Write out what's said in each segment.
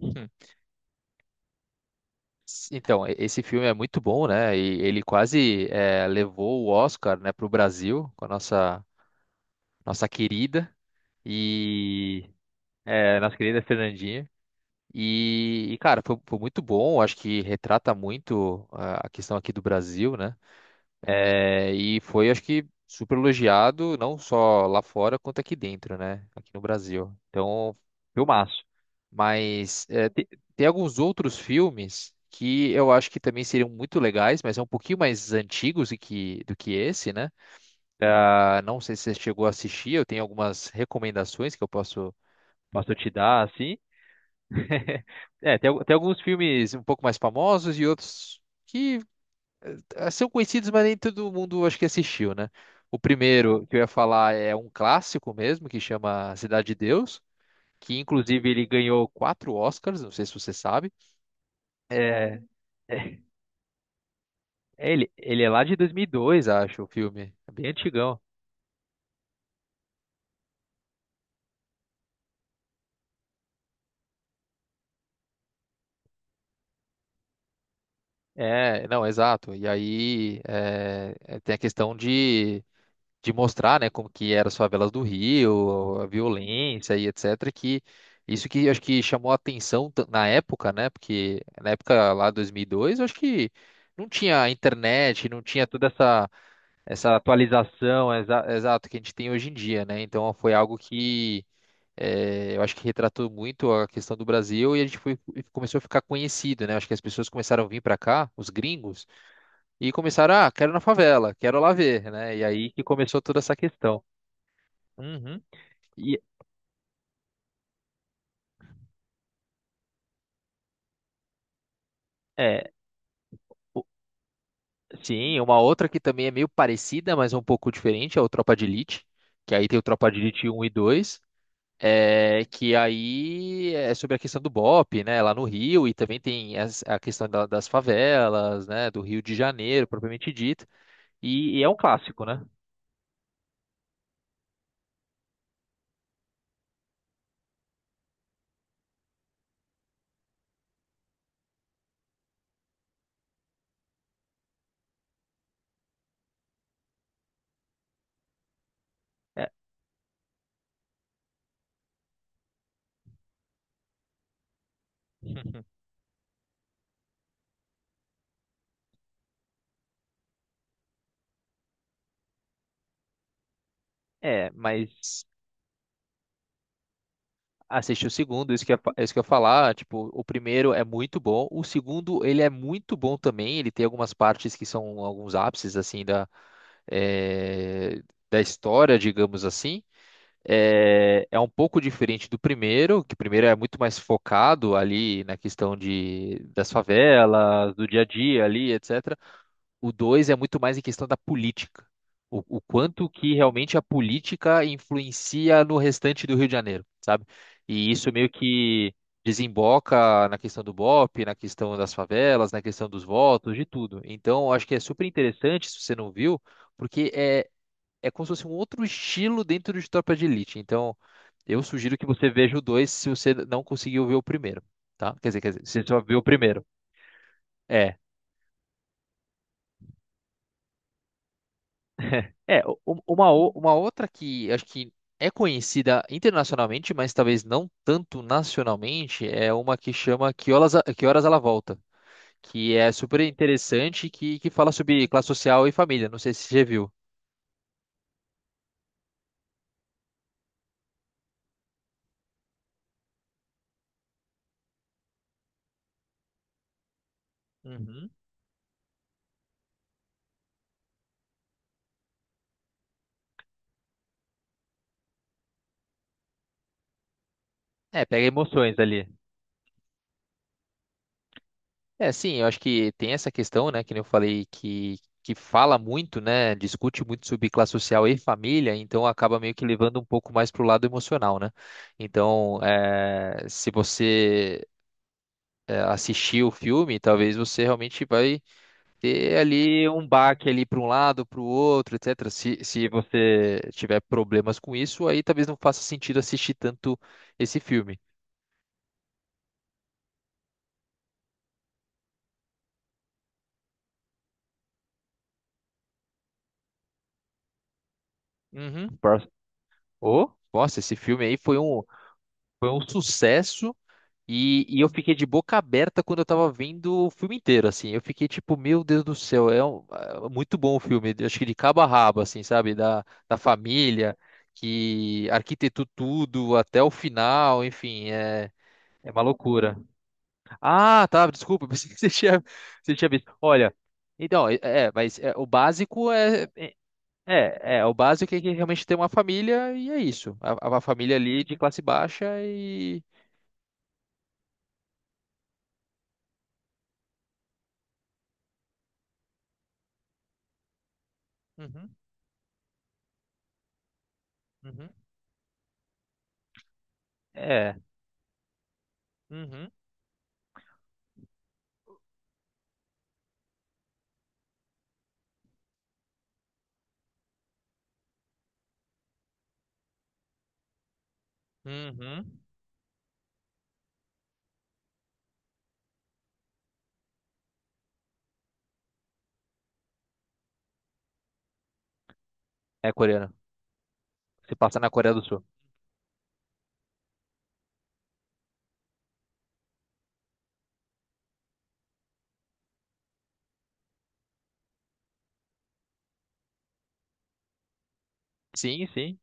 Hum. Então, esse filme é muito bom, né? E ele quase levou o Oscar, né, para o Brasil com a nossa querida e nossa querida Fernandinha. E cara, foi muito bom. Acho que retrata muito a questão aqui do Brasil, né? É, e foi, acho que, super elogiado, não só lá fora, quanto aqui dentro, né? Aqui no Brasil. Então, filmaço. Mas é, tem alguns outros filmes que eu acho que também seriam muito legais, mas são um pouquinho mais antigos e que, do que esse, né? Ah, não sei se você chegou a assistir, eu tenho algumas recomendações que eu posso te dar, assim. É, tem, tem alguns filmes um pouco mais famosos e outros. Que são conhecidos, mas nem todo mundo acho que assistiu, né? O primeiro que eu ia falar é um clássico mesmo, que chama Cidade de Deus, que inclusive ele ganhou 4 Oscars, não sei se você sabe. É, é- ele é lá de 2002, acho, o filme. É bem antigão. É, não, exato. E aí é, tem a questão de mostrar, né, como que eram as favelas do Rio, a violência e etc, que isso que eu acho que chamou a atenção na época, né, porque na época lá 2002, eu acho que não tinha internet, não tinha toda essa atualização exato que a gente tem hoje em dia, né? Então foi algo que eu acho que retratou muito a questão do Brasil e a gente foi, e começou a ficar conhecido, né? Acho que as pessoas começaram a vir para cá, os gringos, e começaram, ah, quero ir na favela, quero lá ver, né? E aí que começou toda essa questão. Uhum. E é, o- sim, uma outra que também é meio parecida, mas é um pouco diferente, é o Tropa de Elite, que aí tem o Tropa de Elite um e dois, é, que aí é sobre a questão do BOP, né, lá no Rio, e também tem a questão das favelas, né, do Rio de Janeiro, propriamente dito, e é um clássico, né? É, é, mas assisti o segundo, isso que isso que eu ia falar, tipo, o primeiro é muito bom, o segundo, ele é muito bom também, ele tem algumas partes que são alguns ápices, assim, eh, da história, digamos assim. É, é um pouco diferente do primeiro, que o primeiro é muito mais focado ali na questão de, das favelas, do dia a dia ali, etc. O dois é muito mais em questão da política. O quanto que realmente a política influencia no restante do Rio de Janeiro, sabe? E isso meio que desemboca na questão do BOP, na questão das favelas, na questão dos votos, de tudo. Então, eu acho que é super interessante, se você não viu, porque é, é como se fosse um outro estilo dentro de Tropa de Elite. Então, eu sugiro que você veja o dois se você não conseguiu ver o primeiro, tá? Quer dizer, se você só viu o primeiro. É. É, uma, uma outra que acho que é conhecida internacionalmente, mas talvez não tanto nacionalmente, é uma que chama Que Horas, Que Horas Ela Volta, que é super interessante, que fala sobre classe social e família. Não sei se você já viu. Uhum. É, pega emoções ali. É, sim, eu acho que tem essa questão, né, que nem eu falei, que fala muito, né, discute muito sobre classe social e família, então acaba meio que levando um pouco mais pro lado emocional, né? Então, se você é, assistir o filme, talvez você realmente vai ter ali um baque ali para um lado, para o outro, etc. Se você tiver problemas com isso, aí talvez não faça sentido assistir tanto esse filme. Uhum. Ô, nossa, esse filme aí foi um sucesso. E eu fiquei de boca aberta quando eu tava vendo o filme inteiro, assim. Eu fiquei tipo, meu Deus do céu, é, é muito bom o filme. Eu acho que de cabo a rabo, assim, sabe? Da família, que arquitetou tudo até o final, enfim, é, é uma loucura. Ah, tá, desculpa, pensei que você tinha visto. Olha, então, mas é, o básico é, o básico é que realmente tem uma família e é isso. A família ali de classe baixa e. Uhum, uhum. É. Uhum, uhum. É coreano. Se passa na Coreia do Sul. Sim, sim.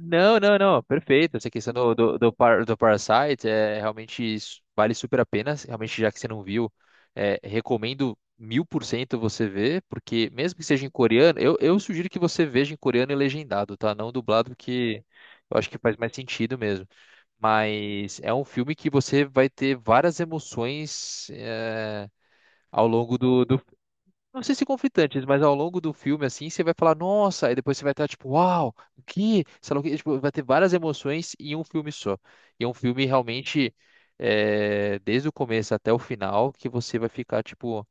Não, não, não. Perfeito. Essa questão do Parasite é realmente isso, vale super a pena. Realmente, já que você não viu, é, recomendo 1000% você ver, porque mesmo que seja em coreano, eu sugiro que você veja em coreano e legendado, tá? Não dublado, que eu acho que faz mais sentido mesmo. Mas é um filme que você vai ter várias emoções, é, ao longo do... Não sei se conflitantes, mas ao longo do filme, assim, você vai falar, nossa, aí depois você vai estar tipo, uau, o que? Sei lá o quê. Tipo, vai ter várias emoções em um filme só. E é um filme realmente, é, desde o começo até o final, que você vai ficar, tipo,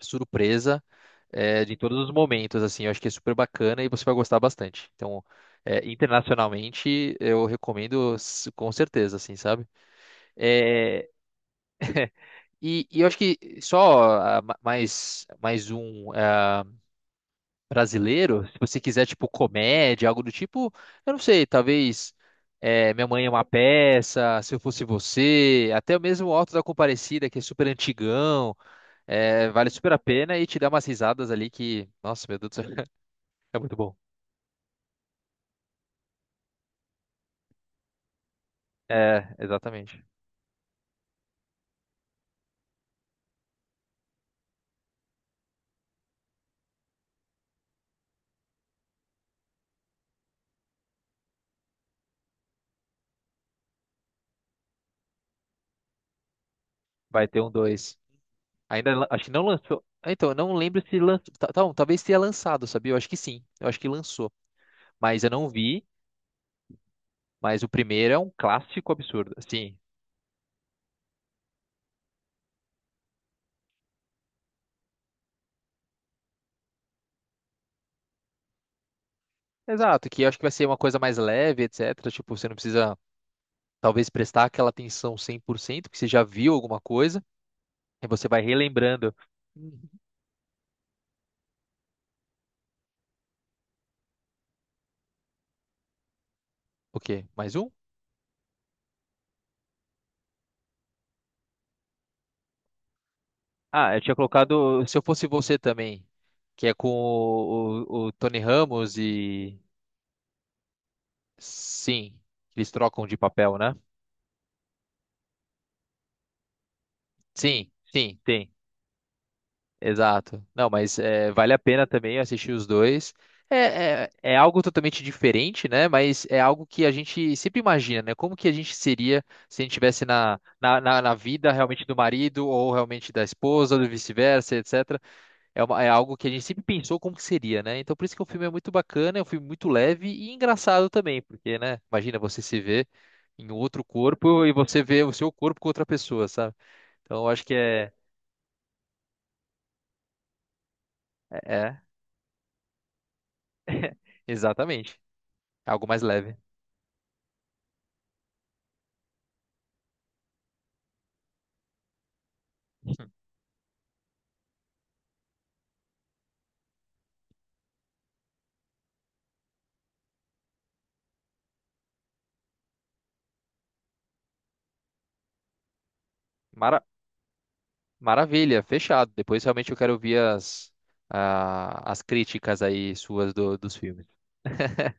surpresa, é, de todos os momentos, assim. Eu acho que é super bacana e você vai gostar bastante. Então, é, internacionalmente, eu recomendo com certeza, assim, sabe? É, e eu acho que só ah, mais um. Brasileiro, se você quiser, tipo, comédia, algo do tipo, eu não sei, talvez é, Minha Mãe é uma Peça, Se Eu Fosse Você, até mesmo o Alto da Comparecida, que é super antigão, é, vale super a pena e te dá umas risadas ali que, nossa, meu Deus do céu, é muito bom. É, exatamente. Vai ter um dois. Ainda, acho que não lançou. Ah, então, eu não lembro se lançou. Então, talvez tenha lançado, sabia? Eu acho que sim. Eu acho que lançou. Mas eu não vi. Mas o primeiro é um clássico absurdo. Sim, exato, que eu acho que vai ser uma coisa mais leve, etc. Tipo, você não precisa, talvez, prestar aquela atenção 100% que você já viu alguma coisa, e você vai relembrando. O quê? Mais um? Ah, eu tinha colocado Se Eu Fosse Você também, que é com o Tony Ramos e... Sim, eles trocam de papel, né? Sim, sim, tem. Exato. Não, mas é, vale a pena também assistir os dois. É, algo totalmente diferente, né? Mas é algo que a gente sempre imagina, né? Como que a gente seria se a gente estivesse na vida realmente do marido ou realmente da esposa, ou vice-versa, etc. É, é algo que a gente sempre pensou como que seria, né? Então por isso que o filme é muito bacana, é um filme muito leve e engraçado também, porque, né? Imagina você se ver em outro corpo e você vê o seu corpo com outra pessoa, sabe? Então eu acho que é, exatamente. Algo mais leve. Mara- Maravilha, fechado. Depois realmente eu quero ouvir ah, as críticas aí suas dos filmes.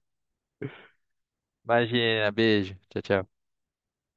Imagina, beijo. Tchau, tchau.